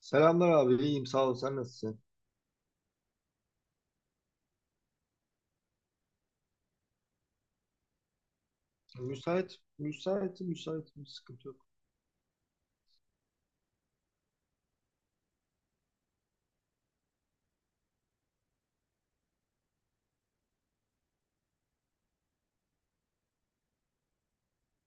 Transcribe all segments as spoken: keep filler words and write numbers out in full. Selamlar abi, iyiyim sağ ol. Sen nasılsın? Müsait, müsait, müsait bir sıkıntı yok.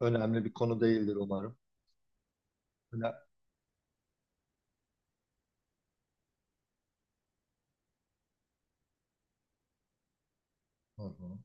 Önemli bir konu değildir umarım. Öne- Hı hı.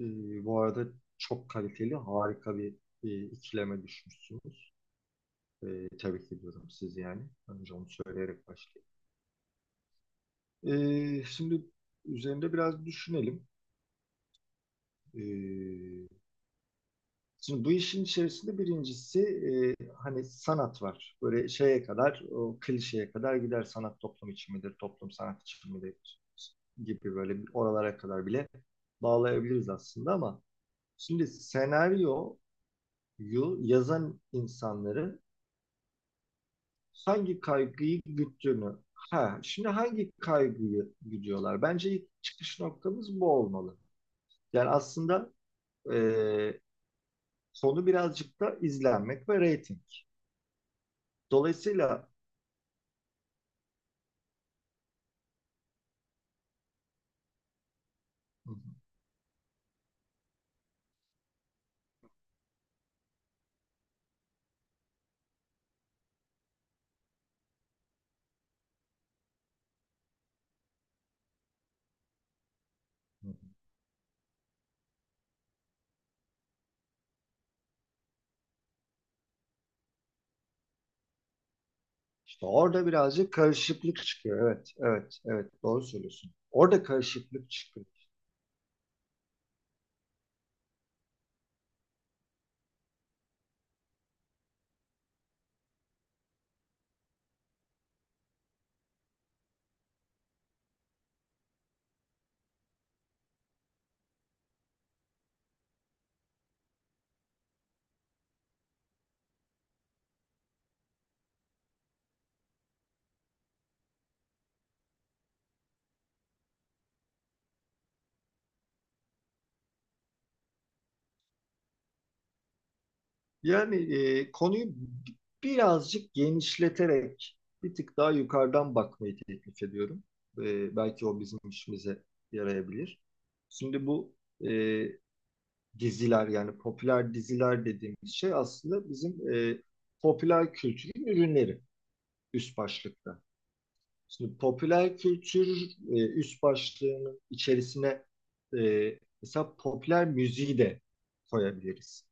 Ee, bu arada çok kaliteli, harika bir e, ikileme düşmüşsünüz. Ee, tebrik ediyorum sizi yani. Önce onu söyleyerek başlayayım. Ee, şimdi üzerinde biraz düşünelim. Ee, Şimdi bu işin içerisinde birincisi e, hani sanat var. Böyle şeye kadar, o klişeye kadar gider, sanat toplum için midir, toplum sanat için midir gibi böyle oralara kadar bile bağlayabiliriz aslında, ama şimdi senaryoyu yazan insanların hangi kaygıyı güttüğünü, ha, şimdi hangi kaygıyı güdüyorlar? Bence ilk çıkış noktamız bu olmalı. Yani aslında e, konu birazcık da izlenmek ve reyting. Dolayısıyla işte orada birazcık karışıklık çıkıyor. Evet, evet, evet. Doğru söylüyorsun. Orada karışıklık çıkıyor. Yani e, konuyu birazcık genişleterek bir tık daha yukarıdan bakmayı teklif ediyorum. E, belki o bizim işimize yarayabilir. Şimdi bu e, diziler, yani popüler diziler dediğimiz şey aslında bizim e, popüler kültürün ürünleri üst başlıkta. Şimdi popüler kültür e, üst başlığının içerisine e, mesela popüler müziği de koyabiliriz.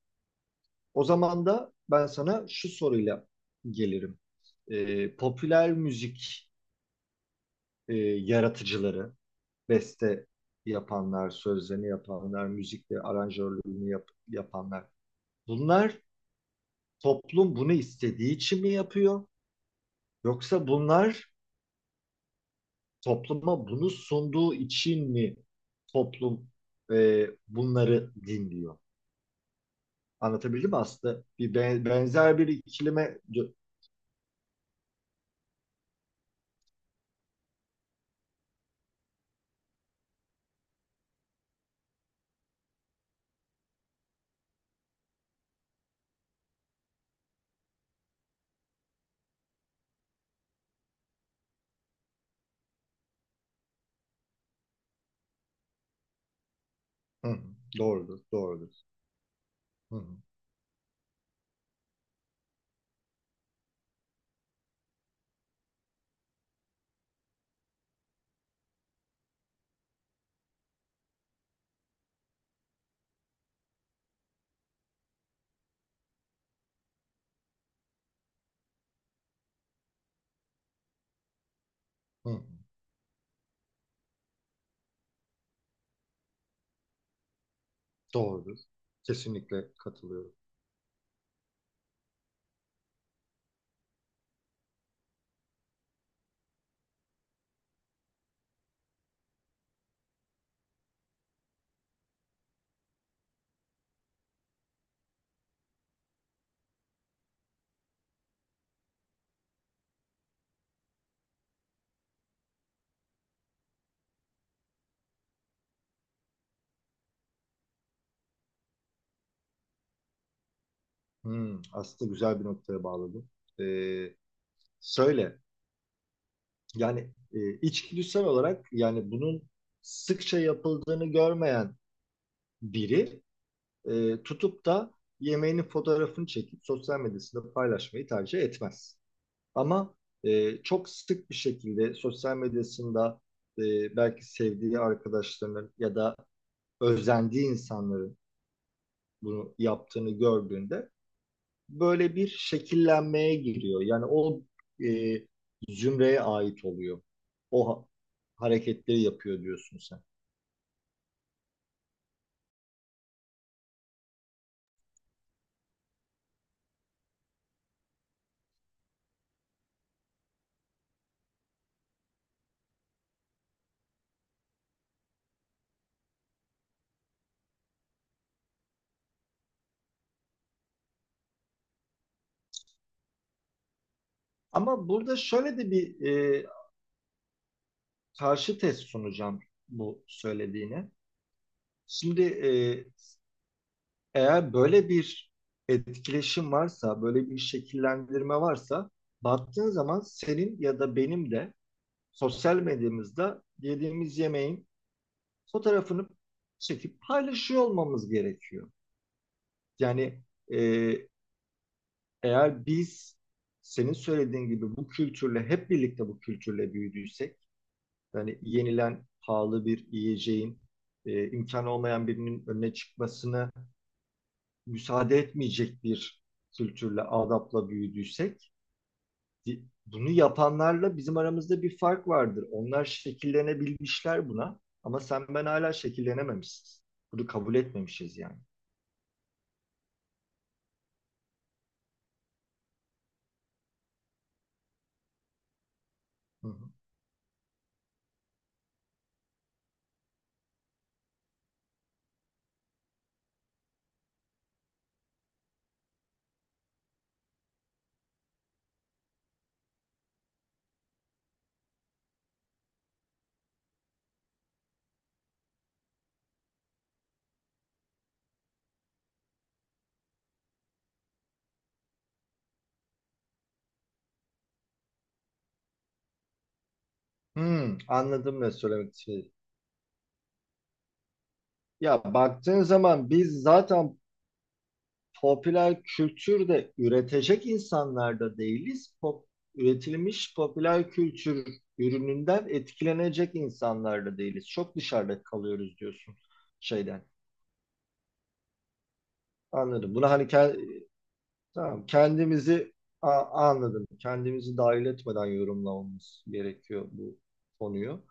O zaman da ben sana şu soruyla gelirim. E, popüler müzik e, yaratıcıları, beste yapanlar, sözlerini yapanlar, müzikle aranjörlüğünü yap- yapanlar. Bunlar toplum bunu istediği için mi yapıyor? Yoksa bunlar topluma bunu sunduğu için mi toplum e, bunları dinliyor? Anlatabildim mi aslında? Bir ben- benzer bir ikilime. Hı hı, doğrudur, doğrudur. Hı hı, hı hı, doğrudur. Kesinlikle katılıyorum. Hı, aslında güzel bir noktaya bağladım. E, söyle, yani e, içgüdüsel olarak, yani bunun sıkça yapıldığını görmeyen biri e, tutup da yemeğinin fotoğrafını çekip sosyal medyasında paylaşmayı tercih etmez. Ama e, çok sık bir şekilde sosyal medyasında e, belki sevdiği arkadaşlarının ya da özendiği insanların bunu yaptığını gördüğünde böyle bir şekillenmeye giriyor. Yani o e, zümreye ait oluyor. O ha- hareketleri yapıyor diyorsun sen. Ama burada şöyle de bir e, karşı test sunacağım bu söylediğine. Şimdi e, eğer böyle bir etkileşim varsa, böyle bir şekillendirme varsa, baktığın zaman senin ya da benim de sosyal medyamızda yediğimiz yemeğin fotoğrafını çekip paylaşıyor olmamız gerekiyor. Yani e, eğer biz senin söylediğin gibi bu kültürle hep birlikte, bu kültürle büyüdüysek, yani yenilen pahalı bir yiyeceğin e, imkanı olmayan birinin önüne çıkmasını müsaade etmeyecek bir kültürle, adapla büyüdüysek, bunu yapanlarla bizim aramızda bir fark vardır. Onlar şekillenebilmişler buna, ama sen ben hala şekillenememişiz. Bunu kabul etmemişiz yani. Hı hı. Hmm, anladım ne söylemek istediğini. Ya baktığın zaman biz zaten popüler kültür de üretecek insanlar da değiliz. Pop, üretilmiş popüler kültür ürününden etkilenecek insanlar da değiliz. Çok dışarıda kalıyoruz diyorsun şeyden. Anladım. Bunu hani ke- tamam, kendimizi a- anladım. Kendimizi dahil etmeden yorumlamamız gerekiyor bu konuyu.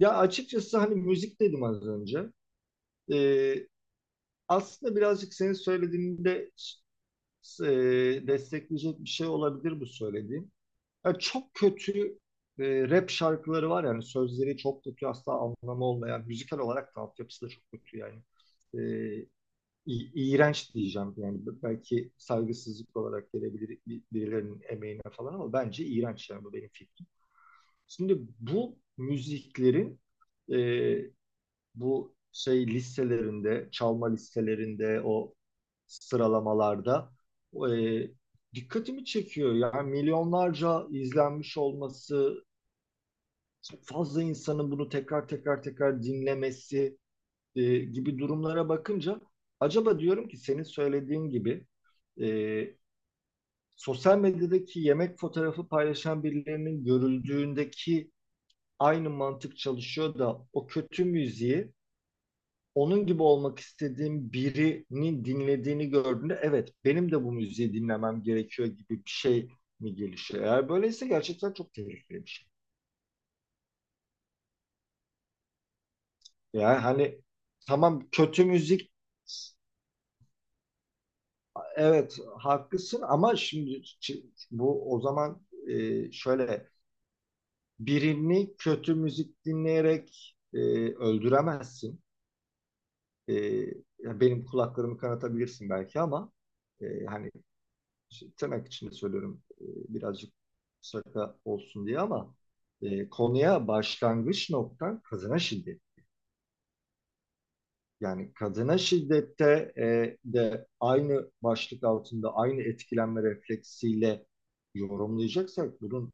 Ya açıkçası hani müzik dedim az önce. Ee, aslında birazcık senin söylediğinde e, destekleyecek bir şey olabilir bu söylediğim. Ya çok kötü e, rap şarkıları var, yani sözleri çok kötü, asla anlamı olmayan, müzikal olarak da altyapısı da çok kötü yani. E, i- iğrenç diyeceğim, yani B- belki saygısızlık olarak gelebilir bir- birilerinin emeğine falan, ama bence iğrenç yani, bu benim fikrim. Şimdi bu müziklerin e, bu şey listelerinde, çalma listelerinde, o sıralamalarda e, dikkatimi çekiyor. Yani milyonlarca izlenmiş olması, çok fazla insanın bunu tekrar tekrar tekrar dinlemesi e, gibi durumlara bakınca acaba diyorum ki, senin söylediğin gibi e, sosyal medyadaki yemek fotoğrafı paylaşan birilerinin görüldüğündeki aynı mantık çalışıyor da, o kötü müziği, onun gibi olmak istediğim birinin dinlediğini gördüğünde, evet, benim de bu müziği dinlemem gerekiyor gibi bir şey mi gelişiyor? Eğer böyleyse gerçekten çok tehlikeli bir şey. Yani hani tamam, kötü müzik, evet haklısın, ama şimdi bu o zaman e, şöyle, birini kötü müzik dinleyerek e, öldüremezsin. E, ya benim kulaklarımı kanatabilirsin belki, ama e, hani tırnak içinde söylüyorum, e, birazcık şaka olsun diye, ama e, konuya başlangıç noktan kadına şiddet. Yani kadına şiddette e, de aynı başlık altında, aynı etkilenme refleksiyle yorumlayacaksak, bunun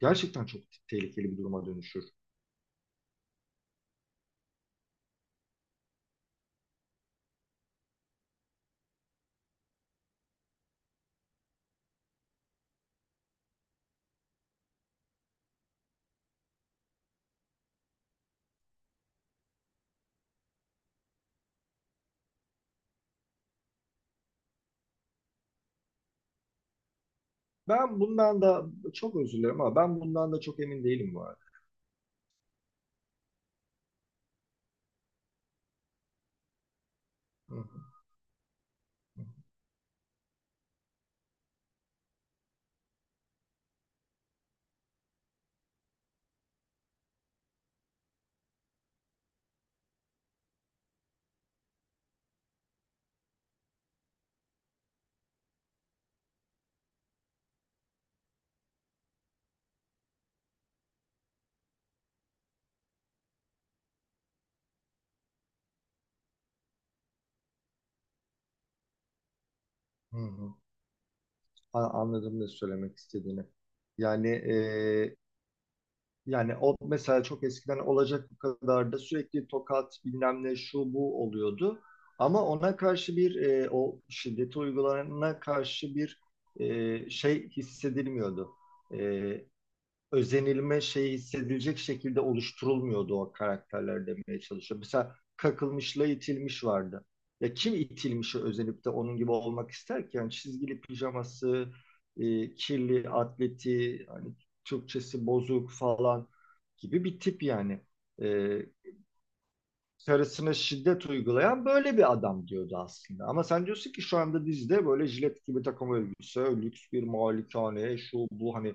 gerçekten çok tehlikeli bir duruma dönüşür. Ben bundan da çok özür dilerim, ama ben bundan da çok emin değilim bu arada. Hı hı, hı hı. A- Anladım ne söylemek istediğini. Yani e, Yani o, mesela çok eskiden olacak, bu kadar da sürekli tokat, bilmem ne, şu bu oluyordu. Ama ona karşı bir, e, o şiddeti uygulanana karşı bir e, şey hissedilmiyordu. E, özenilme şeyi hissedilecek şekilde oluşturulmuyordu o karakterler demeye çalışıyor. Mesela kakılmışla itilmiş vardı. Ya kim itilmişi özenip de onun gibi olmak ister ki? Yani çizgili pijaması, e, kirli atleti, hani Türkçesi bozuk falan gibi bir tip yani. E, karısına şiddet uygulayan böyle bir adam diyordu aslında. Ama sen diyorsun ki, şu anda dizide böyle jilet gibi takım elbise, lüks bir malikane, şu bu, hani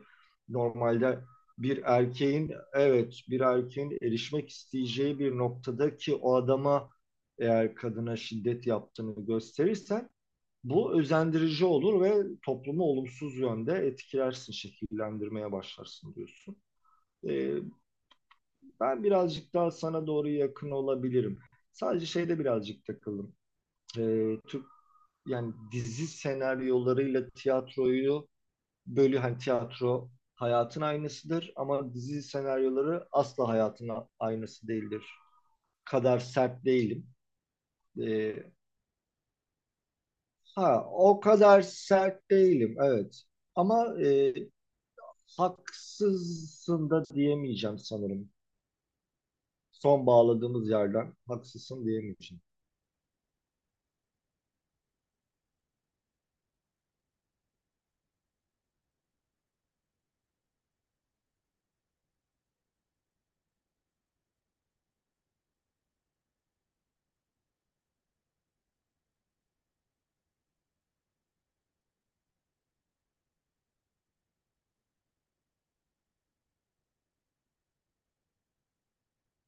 normalde bir erkeğin, evet bir erkeğin erişmek isteyeceği bir noktadaki o adama eğer kadına şiddet yaptığını gösterirsen, bu özendirici olur ve toplumu olumsuz yönde etkilersin, şekillendirmeye başlarsın diyorsun. Ee, ben birazcık daha sana doğru yakın olabilirim. Sadece şeyde birazcık takıldım. Ee, Türk, yani dizi senaryolarıyla tiyatroyu, bölü, hani tiyatro hayatın aynısıdır ama dizi senaryoları asla hayatın a- aynısı değildir. Kadar sert değilim. Ee, ha, o kadar sert değilim evet. Ama e, haksızsın da diyemeyeceğim sanırım. Son bağladığımız yerden haksızsın diyemeyeceğim.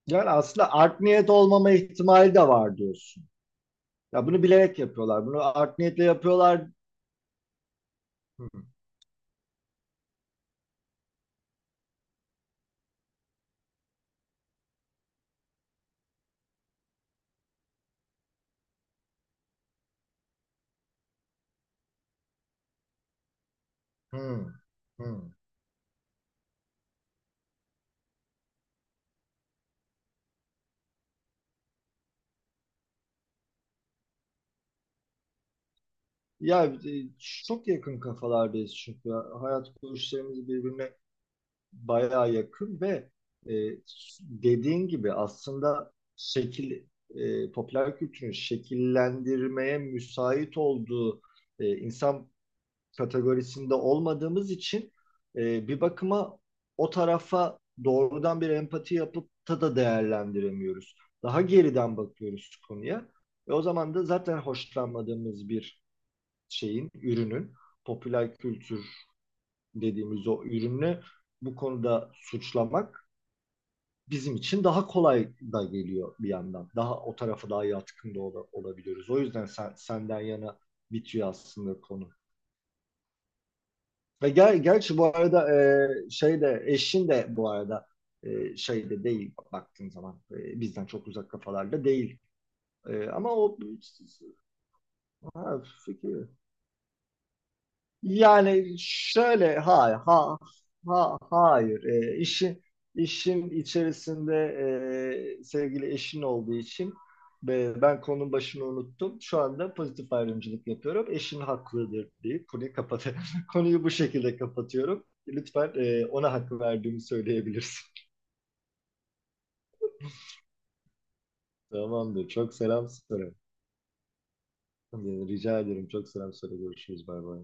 Yani aslında art niyet olmama ihtimali de var diyorsun. Ya bunu bilerek yapıyorlar. Bunu art niyetle yapıyorlar. Hı, hı, hı. Ya e, çok yakın kafalardayız çünkü. Hayat görüşlerimiz birbirine bayağı yakın ve e, dediğin gibi aslında şekil e, popüler kültürün şekillendirmeye müsait olduğu e, insan kategorisinde olmadığımız için e, bir bakıma o tarafa doğrudan bir empati yapıp da da değerlendiremiyoruz. Daha geriden bakıyoruz konuya. Ve o zaman da zaten hoşlanmadığımız bir şeyin, ürünün, popüler kültür dediğimiz o ürünü bu konuda suçlamak bizim için daha kolay da geliyor bir yandan. Daha o tarafa daha yatkın da ola- olabiliyoruz. O yüzden sen, senden yana bitiyor aslında konu. Ve ger gerçi bu arada e, şey de, eşin de bu arada e, şey de değil, baktığın zaman e, bizden çok uzak kafalarda değil. E, ama o, ha, fikir. Yani şöyle, hayır, ha ha hayır. E, işin işin içerisinde e, sevgili eşin olduğu için e, ben konunun başını unuttum. Şu anda pozitif ayrımcılık yapıyorum. Eşin haklıdır deyip konuyu kapat konuyu bu şekilde kapatıyorum. Lütfen e, ona hakkı verdiğimi söyleyebilirsin. Tamamdır. Çok selam söyle. Rica ederim. Çok selam söyle. Görüşürüz. Bay bay.